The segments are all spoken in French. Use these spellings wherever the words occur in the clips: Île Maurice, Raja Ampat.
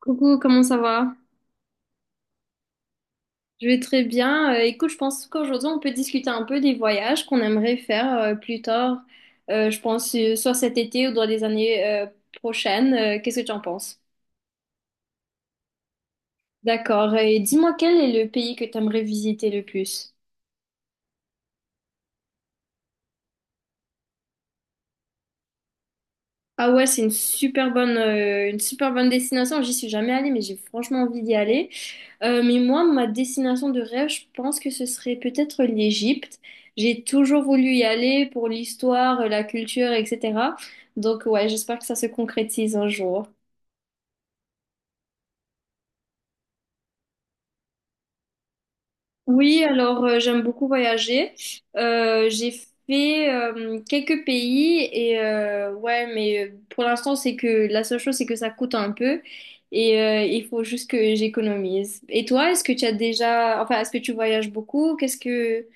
Coucou, comment ça va? Je vais très bien. Écoute, je pense qu'aujourd'hui, on peut discuter un peu des voyages qu'on aimerait faire plus tard. Je pense soit cet été ou dans les années prochaines. Qu'est-ce que tu en penses? D'accord. Et dis-moi, quel est le pays que tu aimerais visiter le plus? Ah ouais, c'est une super bonne destination. J'y suis jamais allée, mais j'ai franchement envie d'y aller. Mais moi, ma destination de rêve, je pense que ce serait peut-être l'Égypte. J'ai toujours voulu y aller pour l'histoire, la culture, etc. Donc ouais, j'espère que ça se concrétise un jour. Oui, alors j'aime beaucoup voyager. J'ai fait quelques pays et ouais, mais pour l'instant c'est que la seule chose c'est que ça coûte un peu et il faut juste que j'économise. Et toi, est-ce que tu as déjà, enfin, est-ce que tu voyages beaucoup? Qu'est-ce que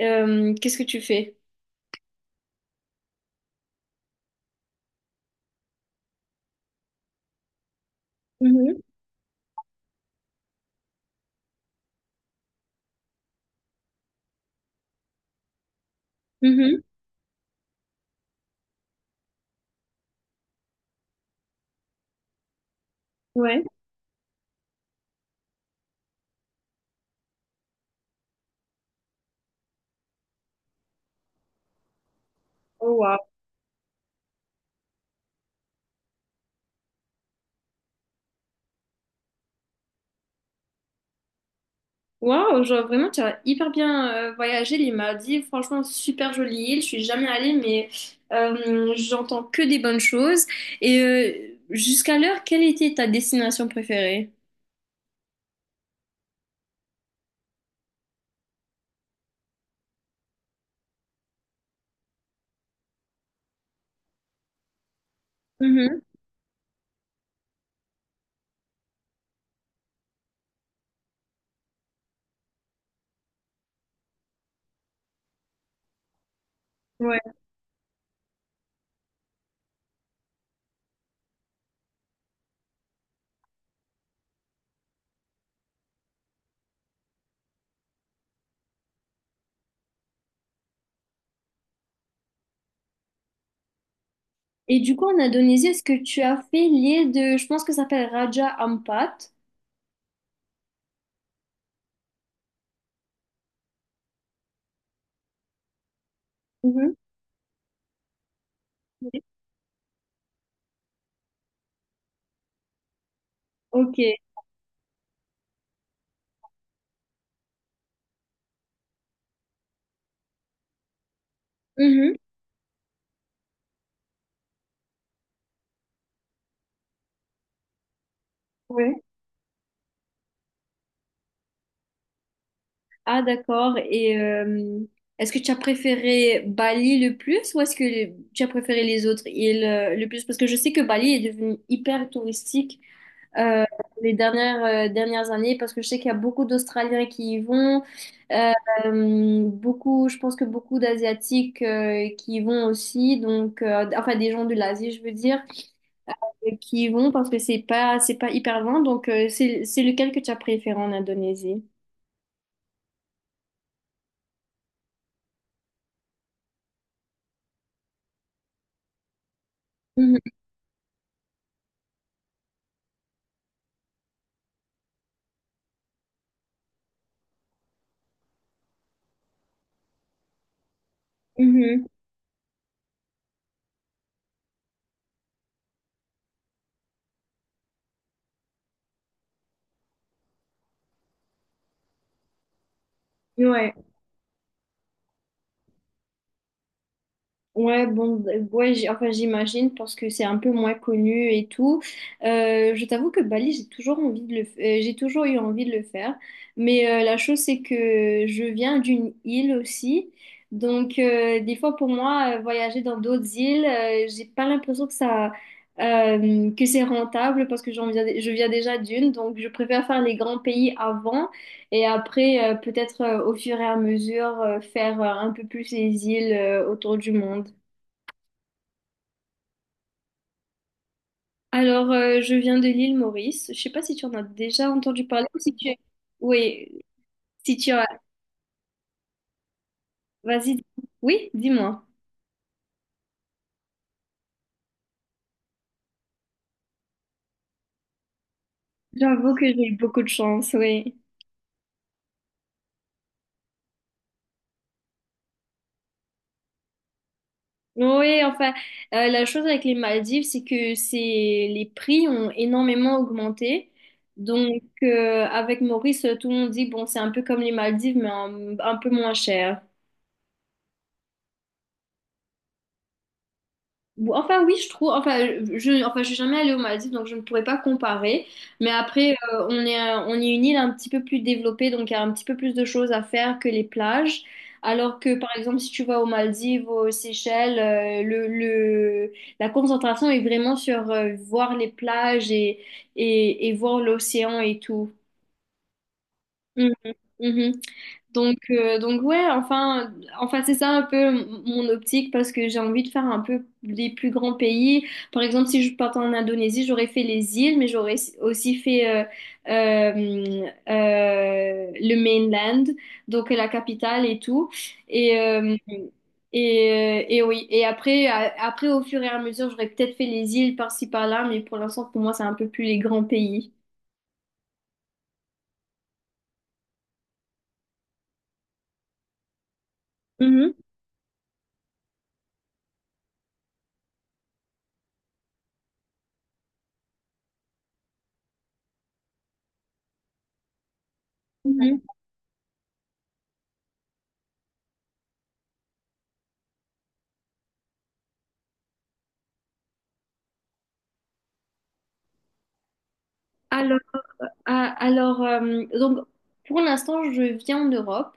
euh, qu'est-ce que tu fais? Mhm, mhm, ouais. Oh, wow. Waouh, genre vraiment, tu as hyper bien voyagé les Maldives. Franchement, super jolie île. Je suis jamais allée, mais j'entends que des bonnes choses. Et jusqu'à l'heure, quelle était ta destination préférée? Mhm, ouais. Et du coup, en Indonésie, est-ce que tu as fait l'île de, je pense que ça s'appelle Raja Ampat? Mhm. Ok. Mhm. Ouais. Ah, d'accord. Et est-ce que tu as préféré Bali le plus ou est-ce que tu as préféré les autres îles le plus? Parce que je sais que Bali est devenu hyper touristique euh, les dernières années parce que je sais qu'il y a beaucoup d'Australiens qui y vont, euh, beaucoup, je pense que beaucoup d'Asiatiques qui y vont aussi, donc enfin des gens de l'Asie, je veux dire, qui y vont parce que c'est pas hyper loin. Donc c'est lequel que tu as préféré en Indonésie? Mhm, mhm. Ouais. Ouais, bon, ouais, enfin, j'imagine parce que c'est un peu moins connu et tout. Je t'avoue que Bali, j'ai toujours eu envie de le faire. Mais la chose, c'est que je viens d'une île aussi. Donc, des fois, pour moi, voyager dans d'autres îles, j'ai pas l'impression que c'est rentable parce que j'en viens, je viens déjà d'une. Donc, je préfère faire les grands pays avant et après, peut-être au fur et à mesure, faire un peu plus les îles autour du monde. Alors, je viens de l'île Maurice. Je ne sais pas si tu en as déjà entendu parler, ou si tu. Oui, si tu as. Vas-y. Oui, dis-moi. J'avoue que j'ai eu beaucoup de chance, oui. Oui, enfin, la chose avec les Maldives, c'est que c'est les prix ont énormément augmenté. Donc, avec Maurice, tout le monde dit, bon, c'est un peu comme les Maldives, mais un peu moins cher. Enfin oui, je trouve. Enfin, je suis jamais allée aux Maldives, donc je ne pourrais pas comparer. Mais après, on est une île un petit peu plus développée, donc il y a un petit peu plus de choses à faire que les plages. Alors que, par exemple, si tu vas aux Maldives, aux Seychelles, la concentration est vraiment sur voir les plages et, voir l'océan et tout. Mhm, mhm. Donc ouais, enfin c'est ça un peu mon optique parce que j'ai envie de faire un peu les plus grands pays. Par exemple, si je partais en Indonésie, j'aurais fait les îles, mais j'aurais aussi fait le mainland, donc la capitale et tout. Et, euh, et, et oui, et après, après, au fur et à mesure, j'aurais peut-être fait les îles par-ci par-là, mais pour l'instant, pour moi, c'est un peu plus les grands pays. Mhm, mhm. Ah, alors, donc, pour l'instant, je vis en Europe.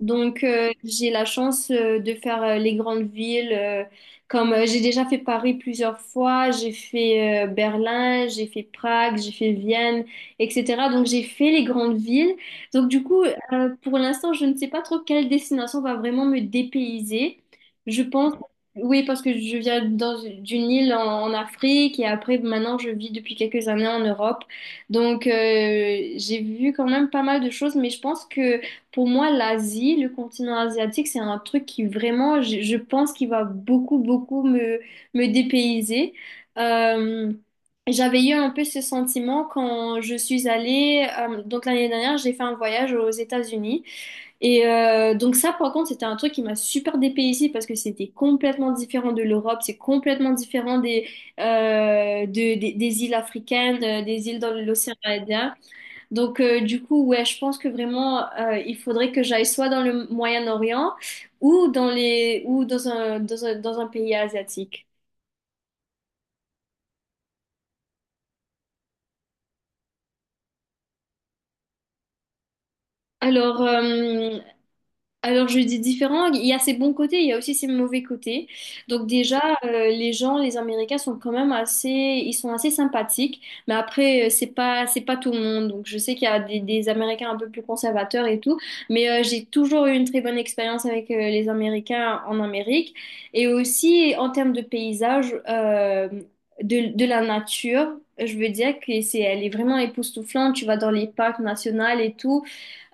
Donc, j'ai la chance de faire les grandes villes. Comme j'ai déjà fait Paris plusieurs fois, j'ai fait Berlin, j'ai fait Prague, j'ai fait Vienne, etc. Donc, j'ai fait les grandes villes. Donc, du coup, pour l'instant, je ne sais pas trop quelle destination va vraiment me dépayser. Je pense, oui, parce que je viens d'une île en Afrique et après, maintenant, je vis depuis quelques années en Europe. Donc, j'ai vu quand même pas mal de choses, mais je pense que pour moi, l'Asie, le continent asiatique, c'est un truc qui vraiment, je pense qu'il va beaucoup, beaucoup me dépayser. Euh, j'avais eu un peu ce sentiment quand je suis allée, donc l'année dernière, j'ai fait un voyage aux États-Unis. Et donc ça, par contre, c'était un truc qui m'a super dépaysé parce que c'était complètement différent de l'Europe, c'est complètement différent des îles africaines, des îles dans l'océan Indien. Donc du coup, ouais, je pense que vraiment, il faudrait que j'aille soit dans le Moyen-Orient ou dans les, ou dans un, dans un, dans un pays asiatique. Alors, euh, Alors je dis différent, il y a ses bons côtés, il y a aussi ses mauvais côtés. Donc déjà, les gens, les Américains sont quand même assez, ils sont assez sympathiques. Mais après, c'est pas tout le monde. Donc je sais qu'il y a des Américains un peu plus conservateurs et tout. Mais j'ai toujours eu une très bonne expérience avec les Américains en Amérique. Et aussi en termes de paysage, de la nature. Je veux dire que elle est vraiment époustouflante. Tu vas dans les parcs nationaux et tout.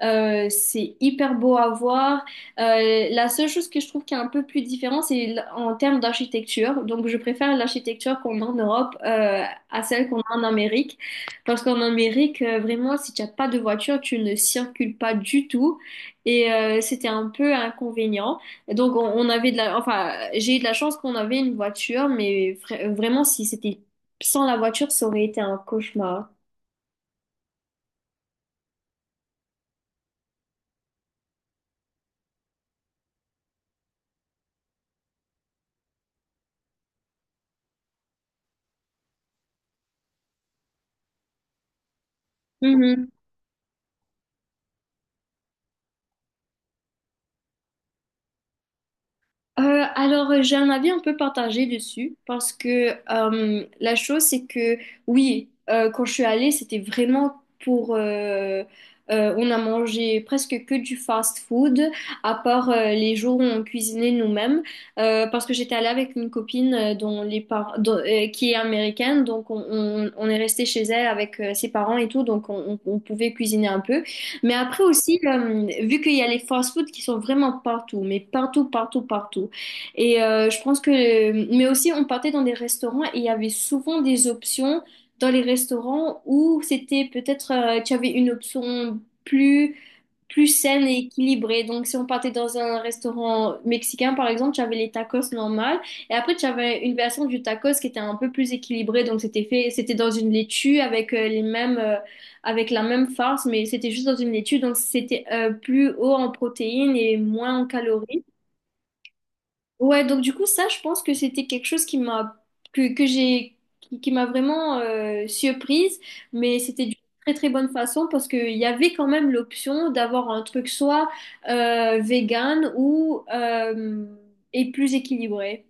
C'est hyper beau à voir. La seule chose que je trouve qui est un peu plus différente, en termes d'architecture. Donc, je préfère l'architecture qu'on a en Europe à celle qu'on a en Amérique. Parce qu'en Amérique, vraiment, si tu n'as pas de voiture, tu ne circules pas du tout. Et c'était un peu inconvénient. Donc, on avait de la. Enfin, j'ai eu de la chance qu'on avait une voiture, mais vraiment, si c'était sans la voiture, ça aurait été un cauchemar. Alors, j'ai un avis un peu partagé dessus parce que la chose, c'est que oui, quand je suis allée, pour... euh, on a mangé presque que du fast-food, à part les jours où on cuisinait nous-mêmes, parce que j'étais allée avec une copine dont les par- dont- qui est américaine, donc on est resté chez elle avec ses parents et tout, donc on pouvait cuisiner un peu. Mais après aussi, vu qu'il y a les fast-food qui sont vraiment partout, mais partout, partout, partout. Et je pense que, mais aussi on partait dans des restaurants et il y avait souvent des options dans les restaurants où c'était peut-être tu avais une option plus plus saine et équilibrée. Donc si on partait dans un restaurant mexicain par exemple, tu avais les tacos normales et après tu avais une version du tacos qui était un peu plus équilibrée. Donc c'était dans une laitue avec la même farce, mais c'était juste dans une laitue. Donc c'était plus haut en protéines et moins en calories. Ouais, donc du coup, ça, je pense que c'était quelque chose qui m'a que j'ai qui m'a vraiment surprise, mais c'était d'une très très bonne façon parce qu'il y avait quand même l'option d'avoir un truc soit vegan ou et plus équilibré.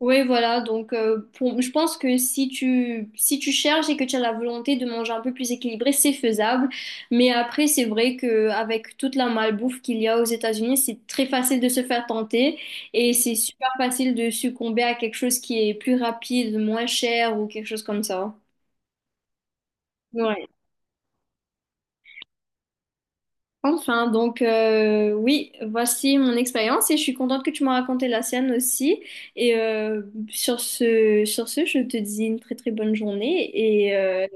Oui, voilà. Donc, je pense que si tu cherches et que tu as la volonté de manger un peu plus équilibré, c'est faisable. Mais après, c'est vrai que avec toute la malbouffe qu'il y a aux États-Unis, c'est très facile de se faire tenter et c'est super facile de succomber à quelque chose qui est plus rapide, moins cher ou quelque chose comme ça. Ouais. Enfin, donc oui, voici mon expérience et je suis contente que tu m'as raconté la sienne aussi. Et sur ce, je te dis une très très bonne journée et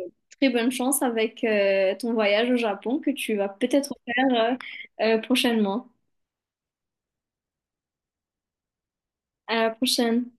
très bonne chance avec ton voyage au Japon que tu vas peut-être faire prochainement. À la prochaine.